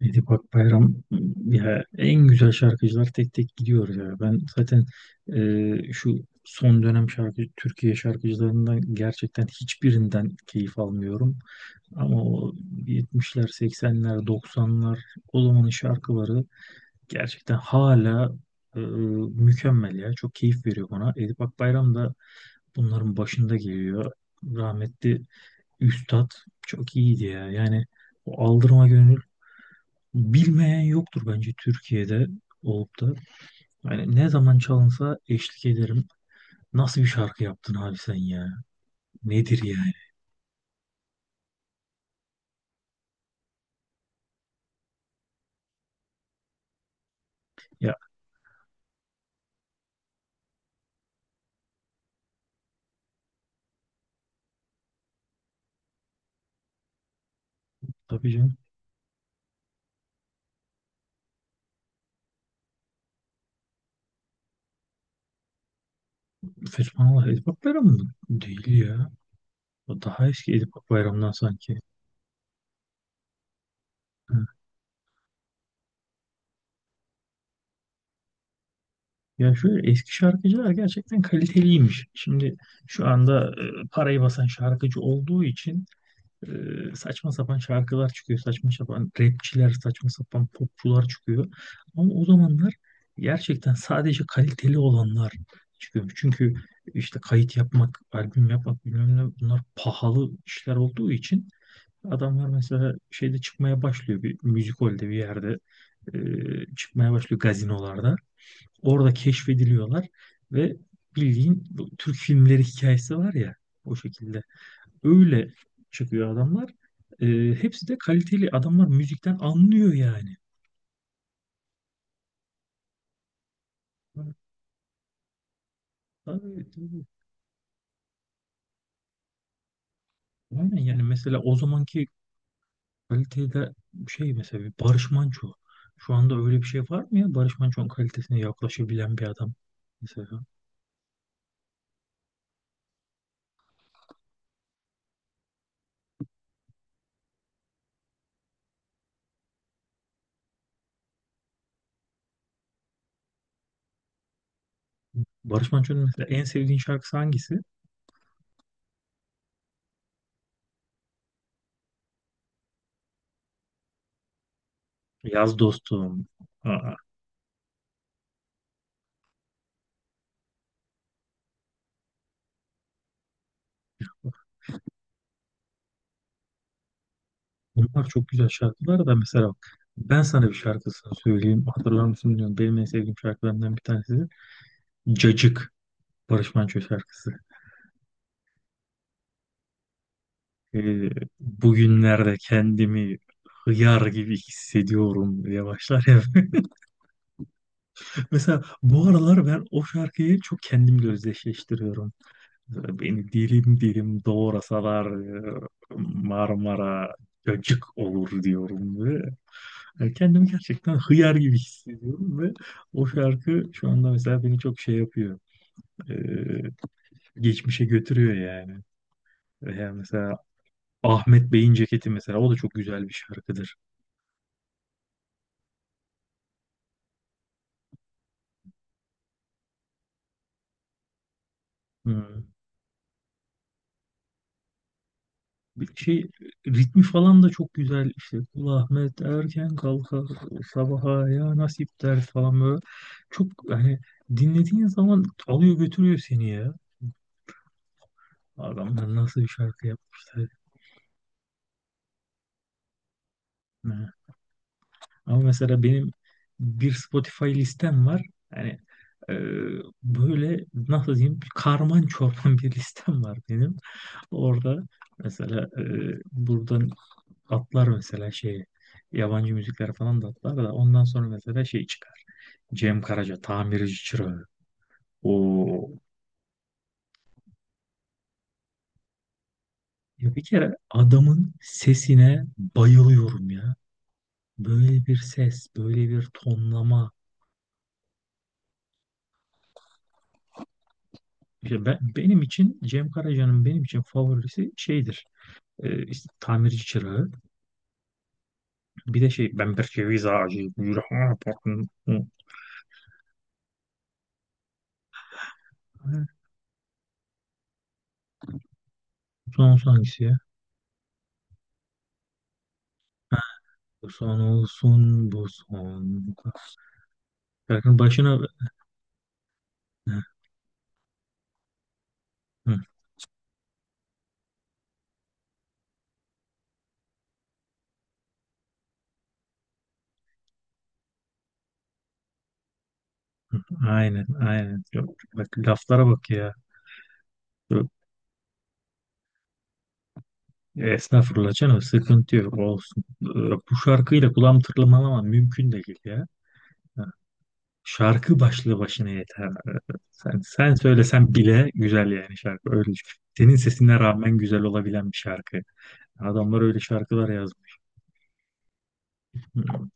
Edip Akbayram, ya en güzel şarkıcılar tek tek gidiyor ya. Ben zaten şu son dönem Türkiye şarkıcılarından gerçekten hiçbirinden keyif almıyorum. Ama o 70'ler, 80'ler, 90'lar o zamanın şarkıları gerçekten hala mükemmel ya. Çok keyif veriyor bana. Edip Akbayram da bunların başında geliyor. Rahmetli üstad çok iyiydi ya. Yani o Aldırma Gönül, bilmeyen yoktur bence Türkiye'de olup da. Yani ne zaman çalınsa eşlik ederim. Nasıl bir şarkı yaptın abi sen ya? Nedir yani? Ya, tabii canım. Fethullah Edip Akbayram mı? Değil ya. O daha eski Edip Akbayram'dan sanki. Ha. Ya şöyle eski şarkıcılar gerçekten kaliteliymiş. Şimdi şu anda parayı basan şarkıcı olduğu için saçma sapan şarkılar çıkıyor. Saçma sapan rapçiler, saçma sapan popçular çıkıyor. Ama o zamanlar gerçekten sadece kaliteli olanlar çıkıyormuş. Çünkü işte kayıt yapmak, albüm yapmak bilmem ne, bunlar pahalı işler olduğu için adamlar mesela şeyde çıkmaya başlıyor, bir müzik holde bir yerde, çıkmaya başlıyor gazinolarda. Orada keşfediliyorlar ve bildiğin bu Türk filmleri hikayesi var ya, o şekilde öyle çıkıyor adamlar. Hepsi de kaliteli adamlar, müzikten anlıyor yani. Tabii, tabii. Aynen, yani mesela o zamanki kalitede şey, mesela bir Barış Manço. Şu anda öyle bir şey var mı ya? Barış Manço'nun kalitesine yaklaşabilen bir adam. Mesela Barış Manço'nun mesela en sevdiğin şarkısı hangisi? Yaz dostum. Aa, bunlar çok güzel şarkılar da mesela bak, ben sana bir şarkısını söyleyeyim. Hatırlar mısın bilmiyorum. Benim en sevdiğim şarkılarından bir tanesi de Cacık. Barış Manço şarkısı. Ee, bugünlerde kendimi hıyar gibi hissediyorum diye başlar ya. Mesela bu aralar ben o şarkıyı çok kendimle özdeşleştiriyorum. Mesela beni dilim dilim doğrasalar e, Marmara cacık olur diyorum ve yani kendimi gerçekten hıyar gibi hissediyorum ve o şarkı şu anda mesela beni çok şey yapıyor. Ee, geçmişe götürüyor yani. Veya mesela Ahmet Bey'in ceketi, mesela o da çok güzel bir şarkıdır. Hı. Bir şey, ritmi falan da çok güzel, işte Kul Ahmet erken kalkar, sabaha ya nasip der falan böyle. Çok hani dinlediğin zaman alıyor götürüyor seni ya. Adamlar nasıl bir şarkı yapmışlar. Ha. Ama mesela benim bir Spotify listem var. Yani e, böyle nasıl diyeyim, karman çorman bir listem var benim. Orada mesela buradan atlar mesela şey, yabancı müzikler falan da atlar da ondan sonra mesela şey çıkar. Cem Karaca tamirci çırağı. O, ya bir kere adamın sesine bayılıyorum ya. Böyle bir ses, böyle bir tonlama. İşte benim için, Cem Karaca'nın benim için favorisi şeydir. İşte tamirci çırağı. Bir de şey, ben bir ceviz ağacıyım, yüreğime bakın. Son son hangisi ya? Bu son olsun, bu son. Şarkının başına... Hı, hı. Aynen, aynen. Yok, bak laflara bak ya. Yok, estağfurullah canım, sıkıntı yok, olsun. Bu şarkıyla kulağım tırmalamam mümkün değil ya. Ha, şarkı başlı başına yeter. Sen söylesen bile güzel yani şarkı. Öyle. Düşün. Senin sesine rağmen güzel olabilen bir şarkı. Adamlar öyle şarkılar yazmış. Hmm.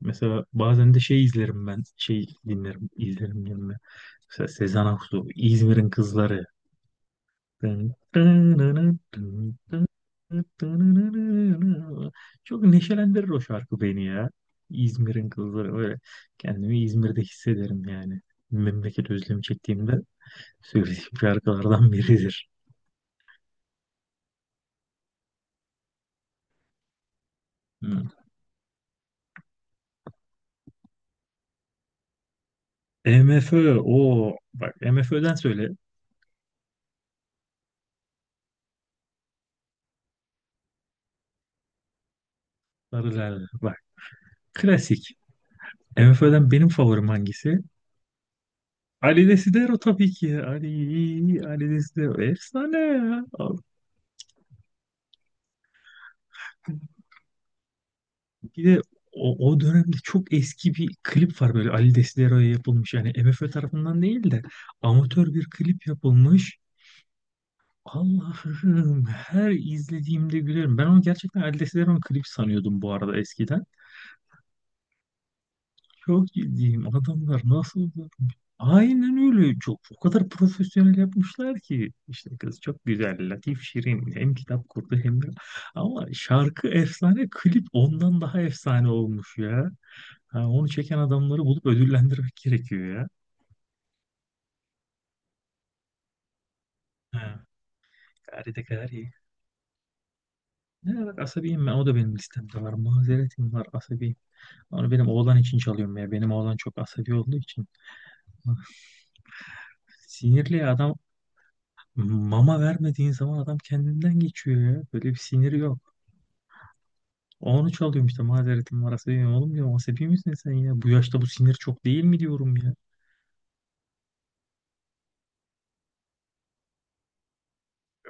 Mesela bazen de şey izlerim ben. Şey, dinlerim, izlerim yerine. Mesela Sezen Aksu, İzmir'in Kızları. Çok neşelendirir o şarkı beni ya. İzmir'in kızları böyle. Kendimi İzmir'de hissederim yani. Memleket özlemi çektiğimde söylediğim şarkılardan biridir. Hı. MFÖ, o bak MFÖ'den söyle. Sarılar bak, klasik. MFÖ'den benim favorim hangisi? Ali Desidero tabii ki. Ali Desidero efsane ya. Bir de o, o dönemde çok eski bir klip var böyle Ali Desidero'ya yapılmış. Yani MFÖ tarafından değil de amatör bir klip yapılmış. Allah'ım, her izlediğimde gülerim. Ben onu gerçekten Ali Desidero'nun klip sanıyordum bu arada eskiden. Çok ciddiyim, adamlar nasıl aynen öyle, çok o kadar profesyonel yapmışlar ki, işte kız çok güzel, latif, şirin, hem kitap kurdu hem de, ama şarkı efsane, klip ondan daha efsane olmuş ya. Ha, onu çeken adamları bulup ödüllendirmek gerekiyor ya. Ha, gari de gari. Ne, bak asabiyim ben. O da benim listemde var. Mazeretim var, asabiyim. Onu benim oğlan için çalıyorum ya. Benim oğlan çok asabi olduğu için. Ah. Sinirli ya adam, mama vermediğin zaman adam kendinden geçiyor ya. Böyle bir siniri yok. Onu çalıyorum işte, mazeretim var, asabiyim. Oğlum diyorum, asabi misin sen ya? Bu yaşta bu sinir çok değil mi diyorum ya.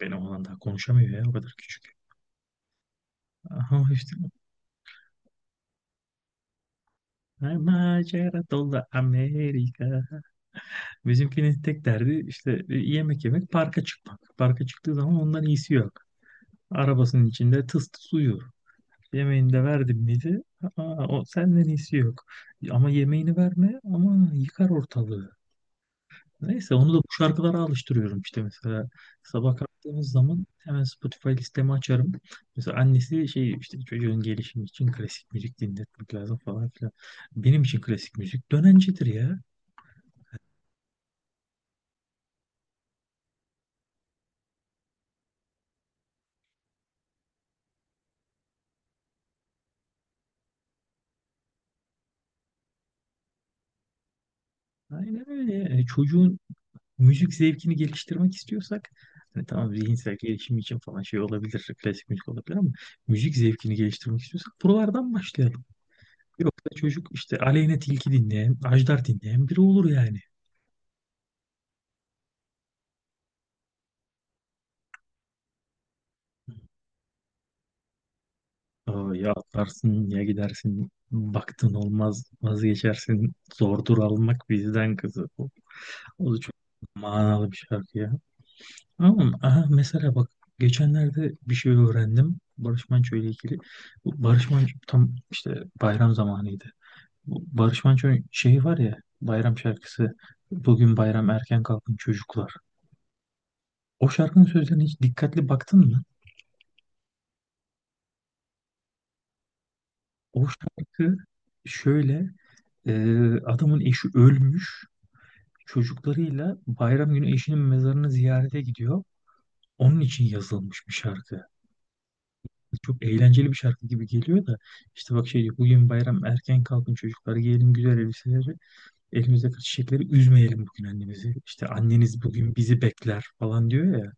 Benim oğlan daha konuşamıyor ya, o kadar küçük. Ama işte macera dolu Amerika. Bizimkinin tek derdi işte yemek yemek, parka çıkmak. Parka çıktığı zaman ondan iyisi yok. Arabasının içinde tıs tıs uyuyor. Yemeğini de verdim miydi? Aa, o senden iyisi yok. Ama yemeğini verme, ama yıkar ortalığı. Neyse, onu da bu şarkılara alıştırıyorum işte mesela. Sabah kalktığımız zaman hemen Spotify listemi açarım. Mesela annesi şey, işte çocuğun gelişimi için klasik müzik dinletmek lazım falan filan. Benim için klasik müzik dönencedir ya. Aynen öyle. Yani çocuğun müzik zevkini geliştirmek istiyorsak, hani tamam zihinsel gelişim için falan şey olabilir, klasik müzik olabilir, ama müzik zevkini geliştirmek istiyorsak buralardan başlayalım. Yoksa çocuk işte Aleyna Tilki dinleyen, Ajdar dinleyen biri olur yani. Aa, ya atlarsın ya gidersin, baktın olmaz vazgeçersin, zordur almak bizden kızı. O, o da çok manalı bir şarkı ya. Ama aha, mesela bak, geçenlerde bir şey öğrendim Barış Manço ile ilgili. Bu Barış Manço, tam işte bayram zamanıydı. Bu Barış Manço'nun şeyi var ya, bayram şarkısı, bugün bayram erken kalkın çocuklar. O şarkının sözlerine hiç dikkatli baktın mı? O şarkı şöyle, e, adamın eşi ölmüş, çocuklarıyla bayram günü eşinin mezarını ziyarete gidiyor. Onun için yazılmış bir şarkı. Çok eğlenceli bir şarkı gibi geliyor da işte bak şey diyor, bugün bayram erken kalkın çocuklar, giyelim güzel elbiseleri, elimizdeki çiçekleri, üzmeyelim bugün annemizi. İşte anneniz bugün bizi bekler falan diyor ya.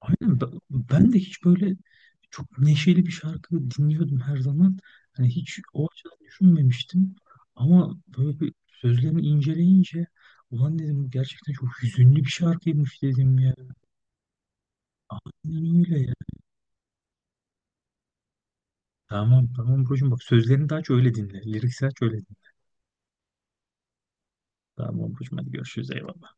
Aynen, ben de hiç böyle çok neşeli bir şarkı dinliyordum her zaman. Hani hiç o açıdan düşünmemiştim. Ama böyle bir sözlerini inceleyince ulan dedim, gerçekten çok hüzünlü bir şarkıymış dedim ya. Aynen öyle ya. Tamam tamam brocum, bak sözlerini de aç öyle dinle. Lirikse aç öyle dinle. Tamam brocum, hadi görüşürüz, eyvallah.